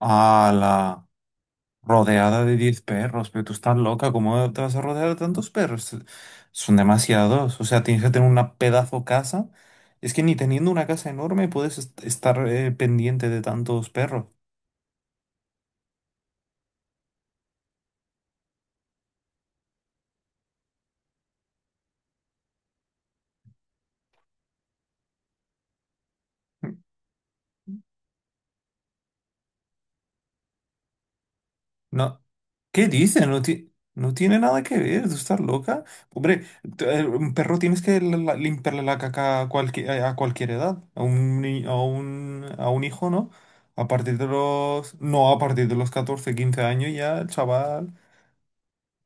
A la rodeada de 10 perros, pero tú estás loca, ¿cómo te vas a rodear de tantos perros? Son demasiados, o sea, tienes que tener una pedazo casa. Es que ni teniendo una casa enorme puedes estar pendiente de tantos perros. No. ¿Qué dice? No, no tiene nada que ver, tú estás loca. Hombre, un perro tienes que limpiarle la caca a cualquier a cualquier edad. A un, a un, a un hijo, ¿no? A partir de los... No, a partir de los 14 15 años ya el chaval...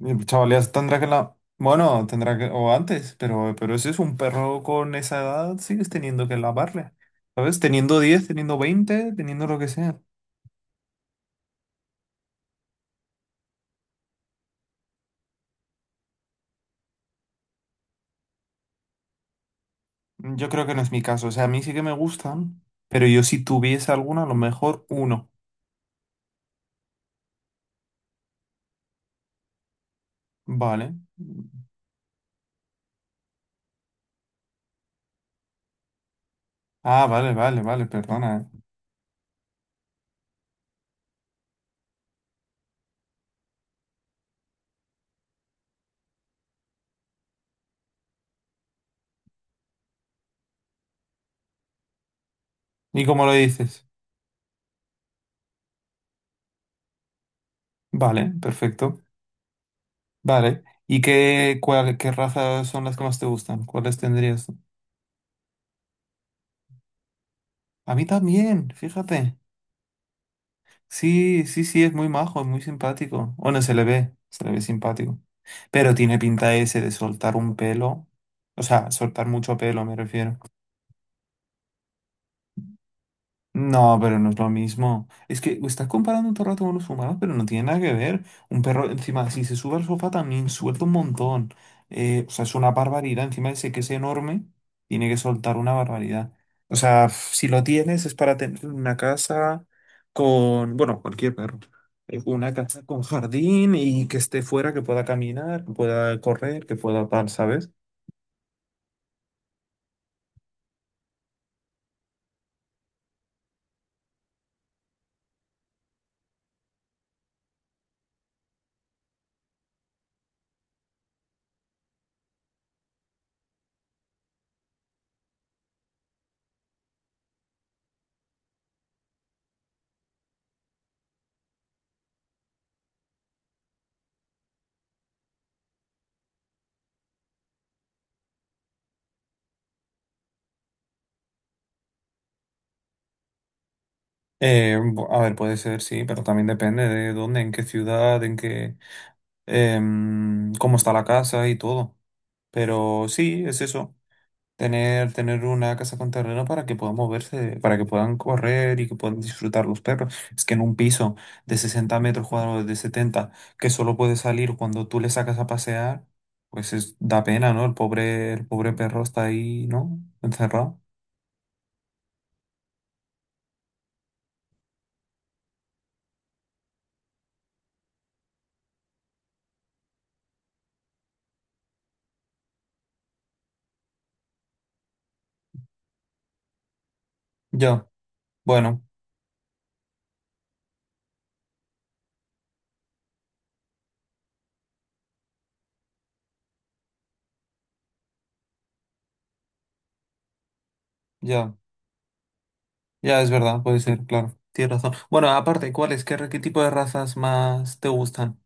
El chaval ya tendrá que la... Bueno, tendrá que... O antes, pero ese es un perro con esa edad, sigues teniendo que lavarle. ¿Sabes? Teniendo 10, teniendo 20, teniendo lo que sea. Yo creo que no es mi caso. O sea, a mí sí que me gustan, pero yo si tuviese alguna, a lo mejor uno. Vale. Ah, vale, vale, vale, perdona. ¿Y cómo lo dices? Vale, perfecto. Vale. ¿Y qué, qué razas son las que más te gustan? ¿Cuáles tendrías tú? A mí también, fíjate. Sí, sí, sí, es muy majo, es muy simpático. Bueno, se le ve simpático. Pero tiene pinta ese de soltar un pelo. O sea, soltar mucho pelo, me refiero. No, pero no es lo mismo. Es que estás comparando un rato con los humanos, pero no tiene nada que ver. Un perro, encima, si se sube al sofá también suelta un montón. O sea, es una barbaridad. Encima dice que es enorme, tiene que soltar una barbaridad. O sea, si lo tienes es para tener una casa con, bueno, cualquier perro. Una casa con jardín y que esté fuera, que pueda caminar, que pueda correr, que pueda tal, ¿sabes? A ver, puede ser, sí, pero también depende de dónde, en qué ciudad, en qué... cómo está la casa y todo. Pero sí, es eso, tener una casa con terreno para que puedan moverse, para que puedan correr y que puedan disfrutar los perros. Es que en un piso de 60 metros cuadrados, de 70, que solo puede salir cuando tú le sacas a pasear, pues da pena, ¿no? El pobre perro está ahí, ¿no? Encerrado. Ya, bueno, ya, ya es verdad, puede ser, claro, tienes razón. Bueno, aparte, ¿cuáles? ¿Qué, qué tipo de razas más te gustan?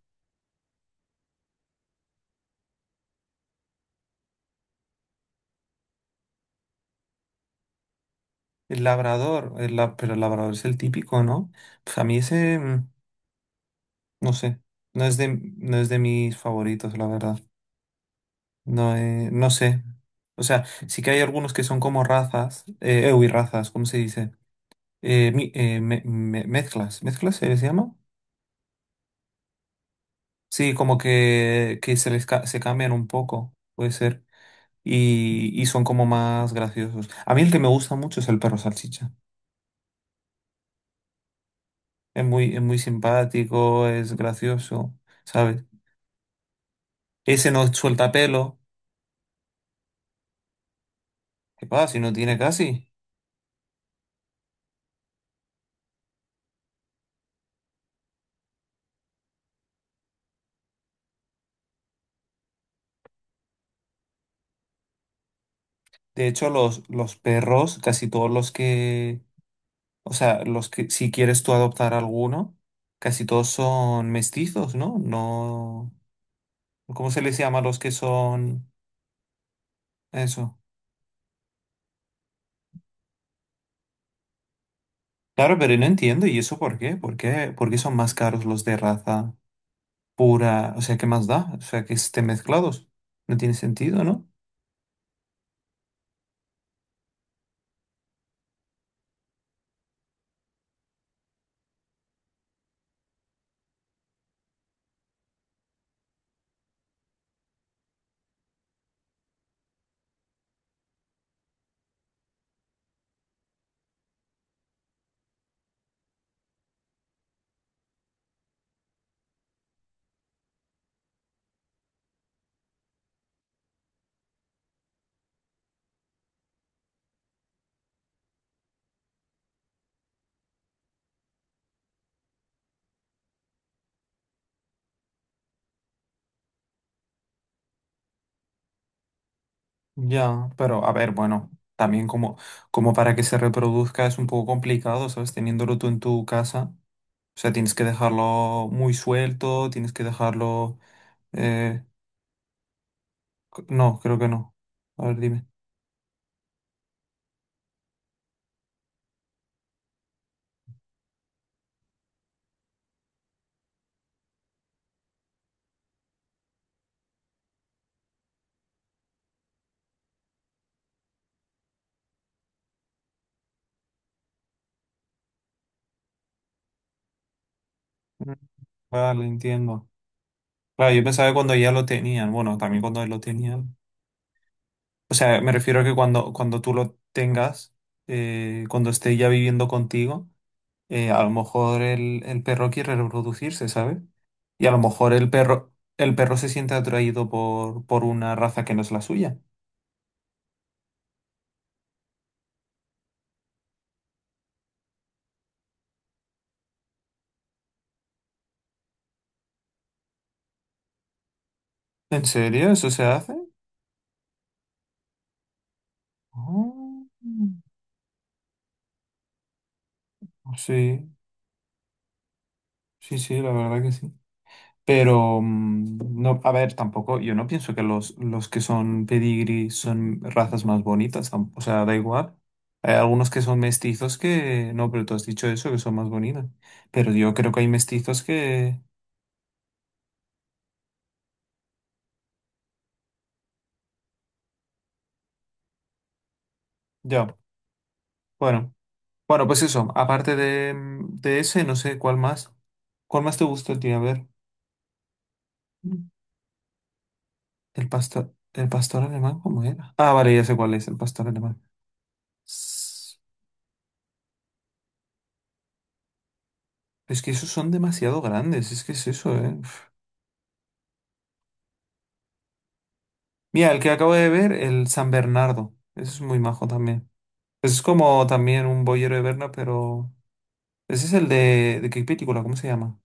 El labrador, pero el labrador es el típico, ¿no? Pues a mí ese, mm, no sé, no es de, no es de mis favoritos, la verdad. No, no sé. O sea, sí que hay algunos que son como razas, uy, razas, ¿cómo se dice? Mezclas, ¿mezclas se les llama? Sí, como que se les se cambian un poco, puede ser. Y son como más graciosos. A mí el que me gusta mucho es el perro salchicha. Es muy simpático, es gracioso. ¿Sabes? Ese no suelta pelo. ¿Qué pasa? Si no tiene casi. De hecho, los perros, casi todos los que, o sea, los que, si quieres tú adoptar alguno, casi todos son mestizos, ¿no? No, ¿cómo se les llama a los que son eso? Claro, pero no entiendo, ¿y eso por qué? ¿Por qué? ¿Por qué son más caros los de raza pura? O sea, ¿qué más da? O sea, que estén mezclados. No tiene sentido, ¿no? Ya, pero a ver, bueno, también como, como para que se reproduzca es un poco complicado, ¿sabes? Teniéndolo tú en tu casa. O sea, tienes que dejarlo muy suelto, tienes que dejarlo... eh, no, creo que no. A ver, dime. Mm. Vale, entiendo. Claro, yo pensaba que cuando ya lo tenían, bueno, también cuando lo tenían. O sea, me refiero a que cuando tú lo tengas, cuando esté ya viviendo contigo. A lo mejor el perro quiere reproducirse, ¿sabes? Y a lo mejor el perro se siente atraído por una raza que no es la suya. ¿En serio? ¿Eso se hace? Oh, sí, sí, sí, la verdad que sí. Pero, mm, no, a ver, tampoco, yo no pienso que los que son pedigrí son razas más bonitas, o sea, da igual. Hay algunos que son mestizos que, no, pero tú has dicho eso, que son más bonitas. Pero yo creo que hay mestizos que, ya, bueno. Bueno, pues eso, aparte de, mm, de ese, no sé cuál más. ¿Cuál más te gustó el tío? A ver, el pastor alemán, ¿cómo era? Ah, vale, ya sé cuál es, el pastor alemán. S- Es que esos son demasiado grandes, es que es eso, ¿eh? Uf. Mira, el que acabo de ver, el San Bernardo. Ese es muy majo también. Pues es como también un boyero de Berna, pero. Ese es el de. ¿De qué película? ¿Cómo se llama?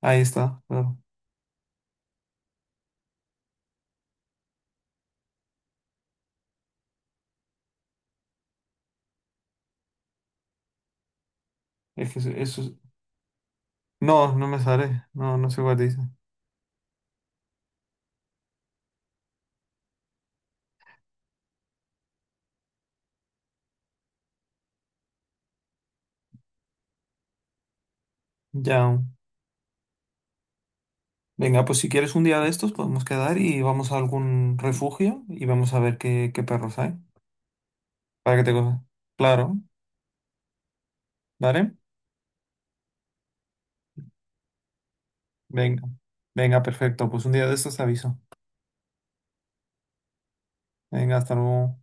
Ahí está, claro. Es que eso. No, no me sale. No, no sé cuál dice. Ya. Venga, pues si quieres un día de estos podemos quedar y vamos a algún refugio y vamos a ver qué, qué perros hay. Para que te coja. Claro, ¿vale? Venga. Venga, perfecto. Pues un día de estos te aviso. Venga, hasta luego.